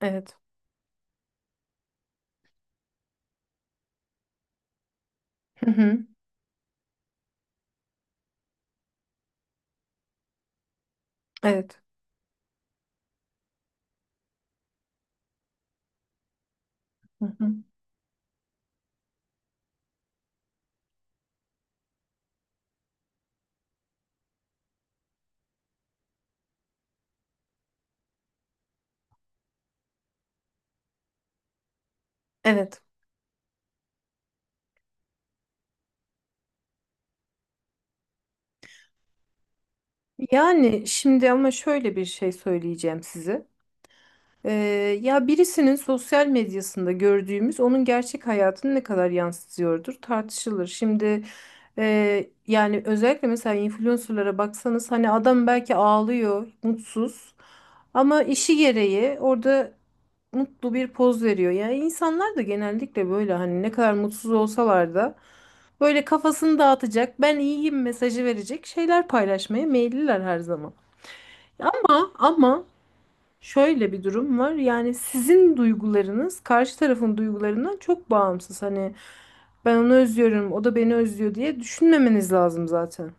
Evet. Hı hı. Evet. Hı hı. Evet. Yani şimdi ama şöyle bir şey söyleyeceğim size. Ee, ya birisinin sosyal medyasında gördüğümüz onun gerçek hayatını ne kadar yansıtıyordur tartışılır. Şimdi e, yani özellikle mesela influencerlara baksanız hani adam belki ağlıyor, mutsuz ama işi gereği orada mutlu bir poz veriyor. Yani insanlar da genellikle böyle hani ne kadar mutsuz olsalar da böyle kafasını dağıtacak, ben iyiyim mesajı verecek şeyler paylaşmaya meyilliler her zaman. Ama şöyle bir durum var. Yani sizin duygularınız karşı tarafın duygularından çok bağımsız. Hani ben onu özlüyorum, o da beni özlüyor diye düşünmemeniz lazım zaten.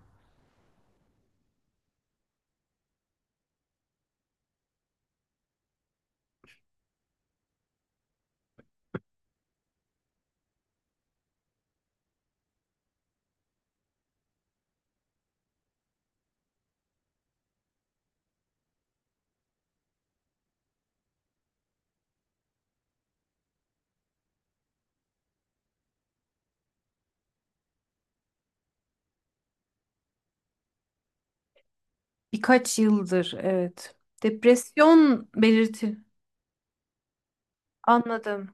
Birkaç yıldır, evet. Depresyon belirti. Anladım.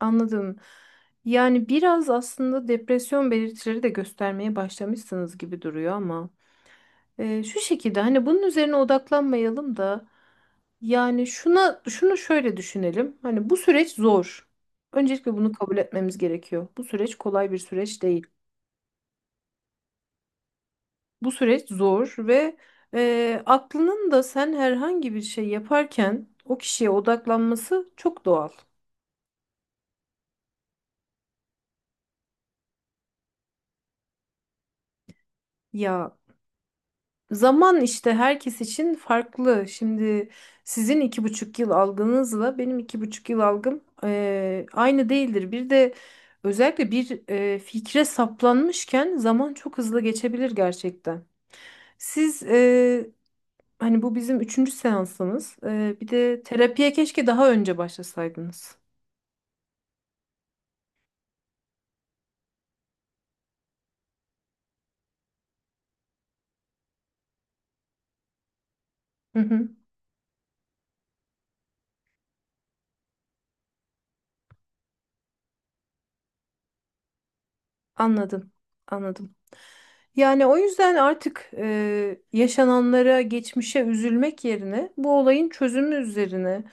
Anladım. Yani biraz aslında depresyon belirtileri de göstermeye başlamışsınız gibi duruyor ama şu şekilde hani bunun üzerine odaklanmayalım da yani şunu şöyle düşünelim. Hani bu süreç zor. Öncelikle bunu kabul etmemiz gerekiyor. Bu süreç kolay bir süreç değil. Bu süreç zor ve aklının da sen herhangi bir şey yaparken o kişiye odaklanması çok doğal. Ya, zaman işte herkes için farklı. Şimdi sizin 2,5 yıl algınızla benim 2,5 yıl algım aynı değildir. Bir de özellikle bir fikre saplanmışken zaman çok hızlı geçebilir gerçekten. Siz Hani bu bizim üçüncü seansımız. Bir de terapiye keşke daha önce başlasaydınız. Hı hı. Anladım, anladım. Yani o yüzden artık yaşananlara, geçmişe üzülmek yerine bu olayın çözümü üzerine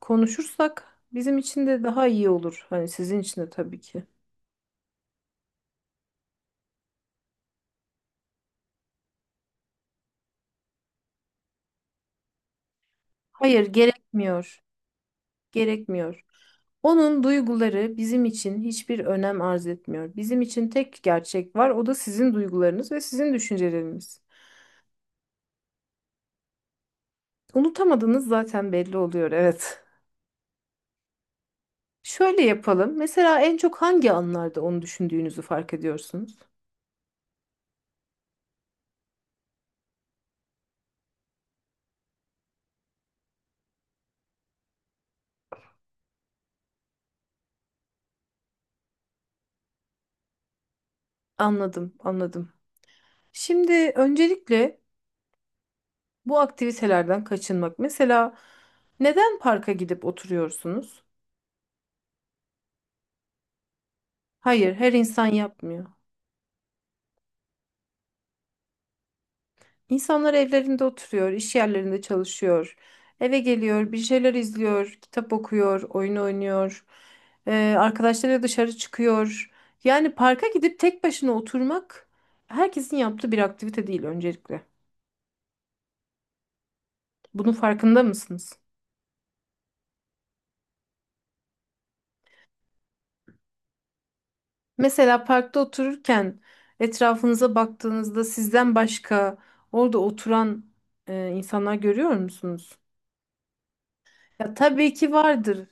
konuşursak bizim için de daha iyi olur. Hani sizin için de tabii ki. Hayır, gerekmiyor. Gerekmiyor. Onun duyguları bizim için hiçbir önem arz etmiyor. Bizim için tek gerçek var, o da sizin duygularınız ve sizin düşünceleriniz. Unutamadığınız zaten belli oluyor, evet. Şöyle yapalım. Mesela en çok hangi anlarda onu düşündüğünüzü fark ediyorsunuz? Anladım, anladım. Şimdi öncelikle bu aktivitelerden kaçınmak. Mesela neden parka gidip oturuyorsunuz? Hayır, her insan yapmıyor. İnsanlar evlerinde oturuyor, iş yerlerinde çalışıyor. Eve geliyor, bir şeyler izliyor, kitap okuyor, oyun oynuyor. Arkadaşlarıyla dışarı çıkıyor. Yani parka gidip tek başına oturmak herkesin yaptığı bir aktivite değil öncelikle. Bunun farkında mısınız? Mesela parkta otururken etrafınıza baktığınızda sizden başka orada oturan insanlar görüyor musunuz? Ya tabii ki vardır.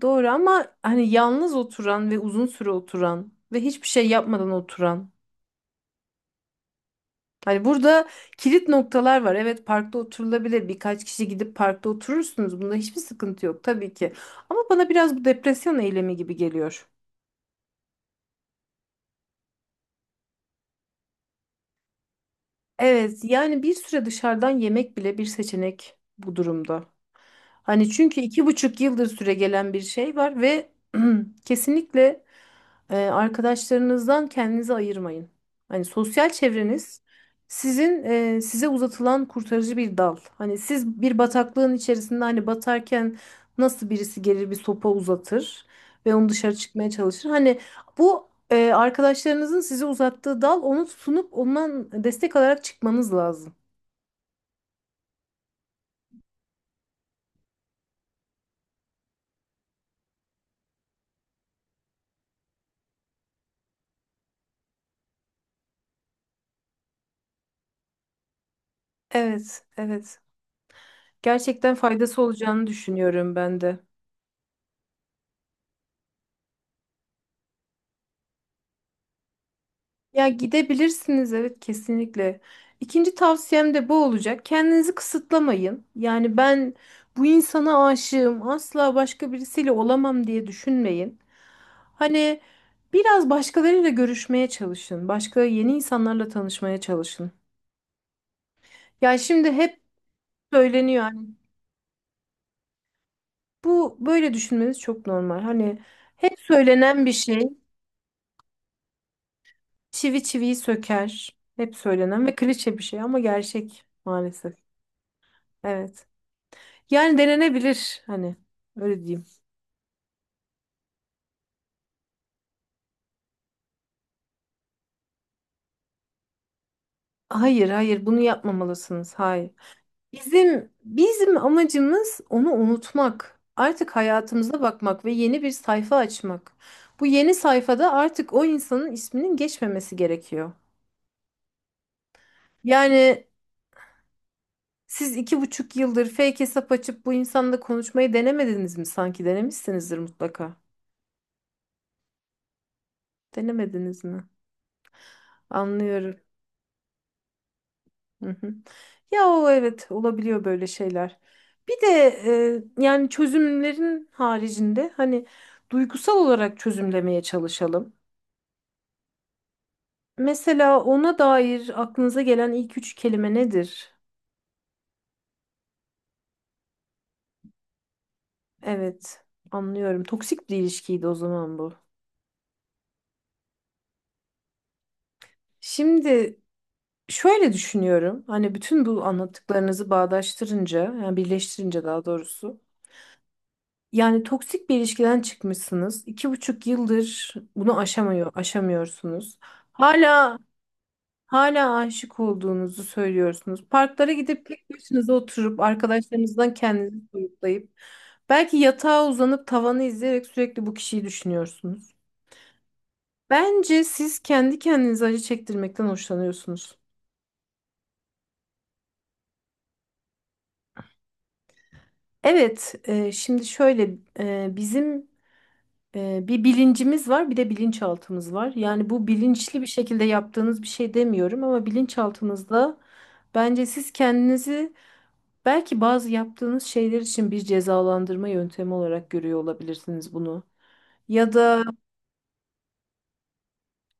Doğru, ama hani yalnız oturan ve uzun süre oturan ve hiçbir şey yapmadan oturan. Hani burada kilit noktalar var. Evet, parkta oturulabilir. Birkaç kişi gidip parkta oturursunuz. Bunda hiçbir sıkıntı yok tabii ki. Ama bana biraz bu depresyon eylemi gibi geliyor. Evet, yani bir süre dışarıdan yemek bile bir seçenek bu durumda. Hani çünkü 2,5 yıldır süre gelen bir şey var ve kesinlikle arkadaşlarınızdan kendinizi ayırmayın. Hani sosyal çevreniz sizin size uzatılan kurtarıcı bir dal. Hani siz bir bataklığın içerisinde hani batarken nasıl birisi gelir bir sopa uzatır ve onu dışarı çıkmaya çalışır. Hani bu arkadaşlarınızın size uzattığı dal onu sunup ondan destek alarak çıkmanız lazım. Evet, evet. Gerçekten faydası olacağını düşünüyorum ben de. Ya gidebilirsiniz, evet, kesinlikle. İkinci tavsiyem de bu olacak. Kendinizi kısıtlamayın. Yani ben bu insana aşığım, asla başka birisiyle olamam diye düşünmeyin. Hani biraz başkalarıyla görüşmeye çalışın. Başka yeni insanlarla tanışmaya çalışın. Ya şimdi hep söyleniyor hani. Bu böyle düşünmeniz çok normal. Hani hep söylenen bir şey, çivi çiviyi söker. Hep söylenen ve klişe bir şey ama gerçek maalesef. Evet. Yani denenebilir, hani öyle diyeyim. Hayır, hayır bunu yapmamalısınız. Hayır. Bizim amacımız onu unutmak. Artık hayatımıza bakmak ve yeni bir sayfa açmak. Bu yeni sayfada artık o insanın isminin geçmemesi gerekiyor. Yani siz 2,5 yıldır fake hesap açıp bu insanla konuşmayı denemediniz mi sanki? Denemişsinizdir mutlaka. Denemediniz mi? Anlıyorum. Hı hı. Ya o, evet, olabiliyor böyle şeyler. Bir de yani çözümlerin haricinde hani duygusal olarak çözümlemeye çalışalım. Mesela ona dair aklınıza gelen ilk üç kelime nedir? Evet, anlıyorum. Toksik bir ilişkiydi o zaman bu. Şimdi şöyle düşünüyorum. Hani bütün bu anlattıklarınızı bağdaştırınca, yani birleştirince daha doğrusu. Yani toksik bir ilişkiden çıkmışsınız. 2,5 yıldır bunu aşamıyorsunuz. Hala hala aşık olduğunuzu söylüyorsunuz. Parklara gidip tek başınıza oturup arkadaşlarınızdan kendinizi soyutlayıp belki yatağa uzanıp tavanı izleyerek sürekli bu kişiyi düşünüyorsunuz. Bence siz kendi kendinize acı çektirmekten hoşlanıyorsunuz. Evet, şimdi şöyle, bizim bir bilincimiz var, bir de bilinçaltımız var. Yani bu bilinçli bir şekilde yaptığınız bir şey demiyorum ama bilinçaltınızda bence siz kendinizi belki bazı yaptığınız şeyler için bir cezalandırma yöntemi olarak görüyor olabilirsiniz bunu. Ya da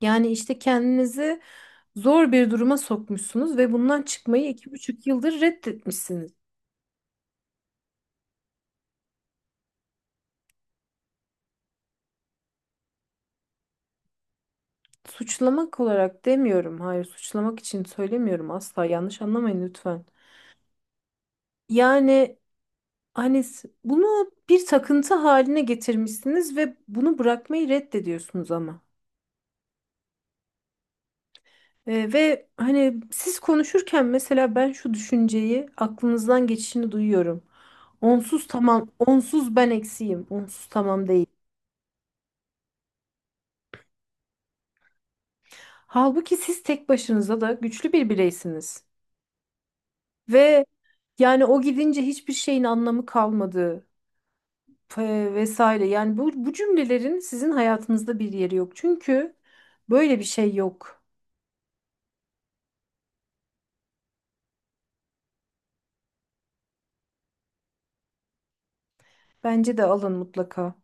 yani işte kendinizi zor bir duruma sokmuşsunuz ve bundan çıkmayı 2,5 yıldır reddetmişsiniz. Suçlamak olarak demiyorum, hayır suçlamak için söylemiyorum asla, yanlış anlamayın lütfen. Yani hani bunu bir takıntı haline getirmişsiniz ve bunu bırakmayı reddediyorsunuz ama. Ve hani siz konuşurken mesela ben şu düşünceyi aklınızdan geçişini duyuyorum. Onsuz tamam, onsuz ben eksiğim, onsuz tamam değil. Halbuki siz tek başınıza da güçlü bir bireysiniz. Ve yani o gidince hiçbir şeyin anlamı kalmadı, vesaire. Yani bu cümlelerin sizin hayatınızda bir yeri yok. Çünkü böyle bir şey yok. Bence de alın mutlaka.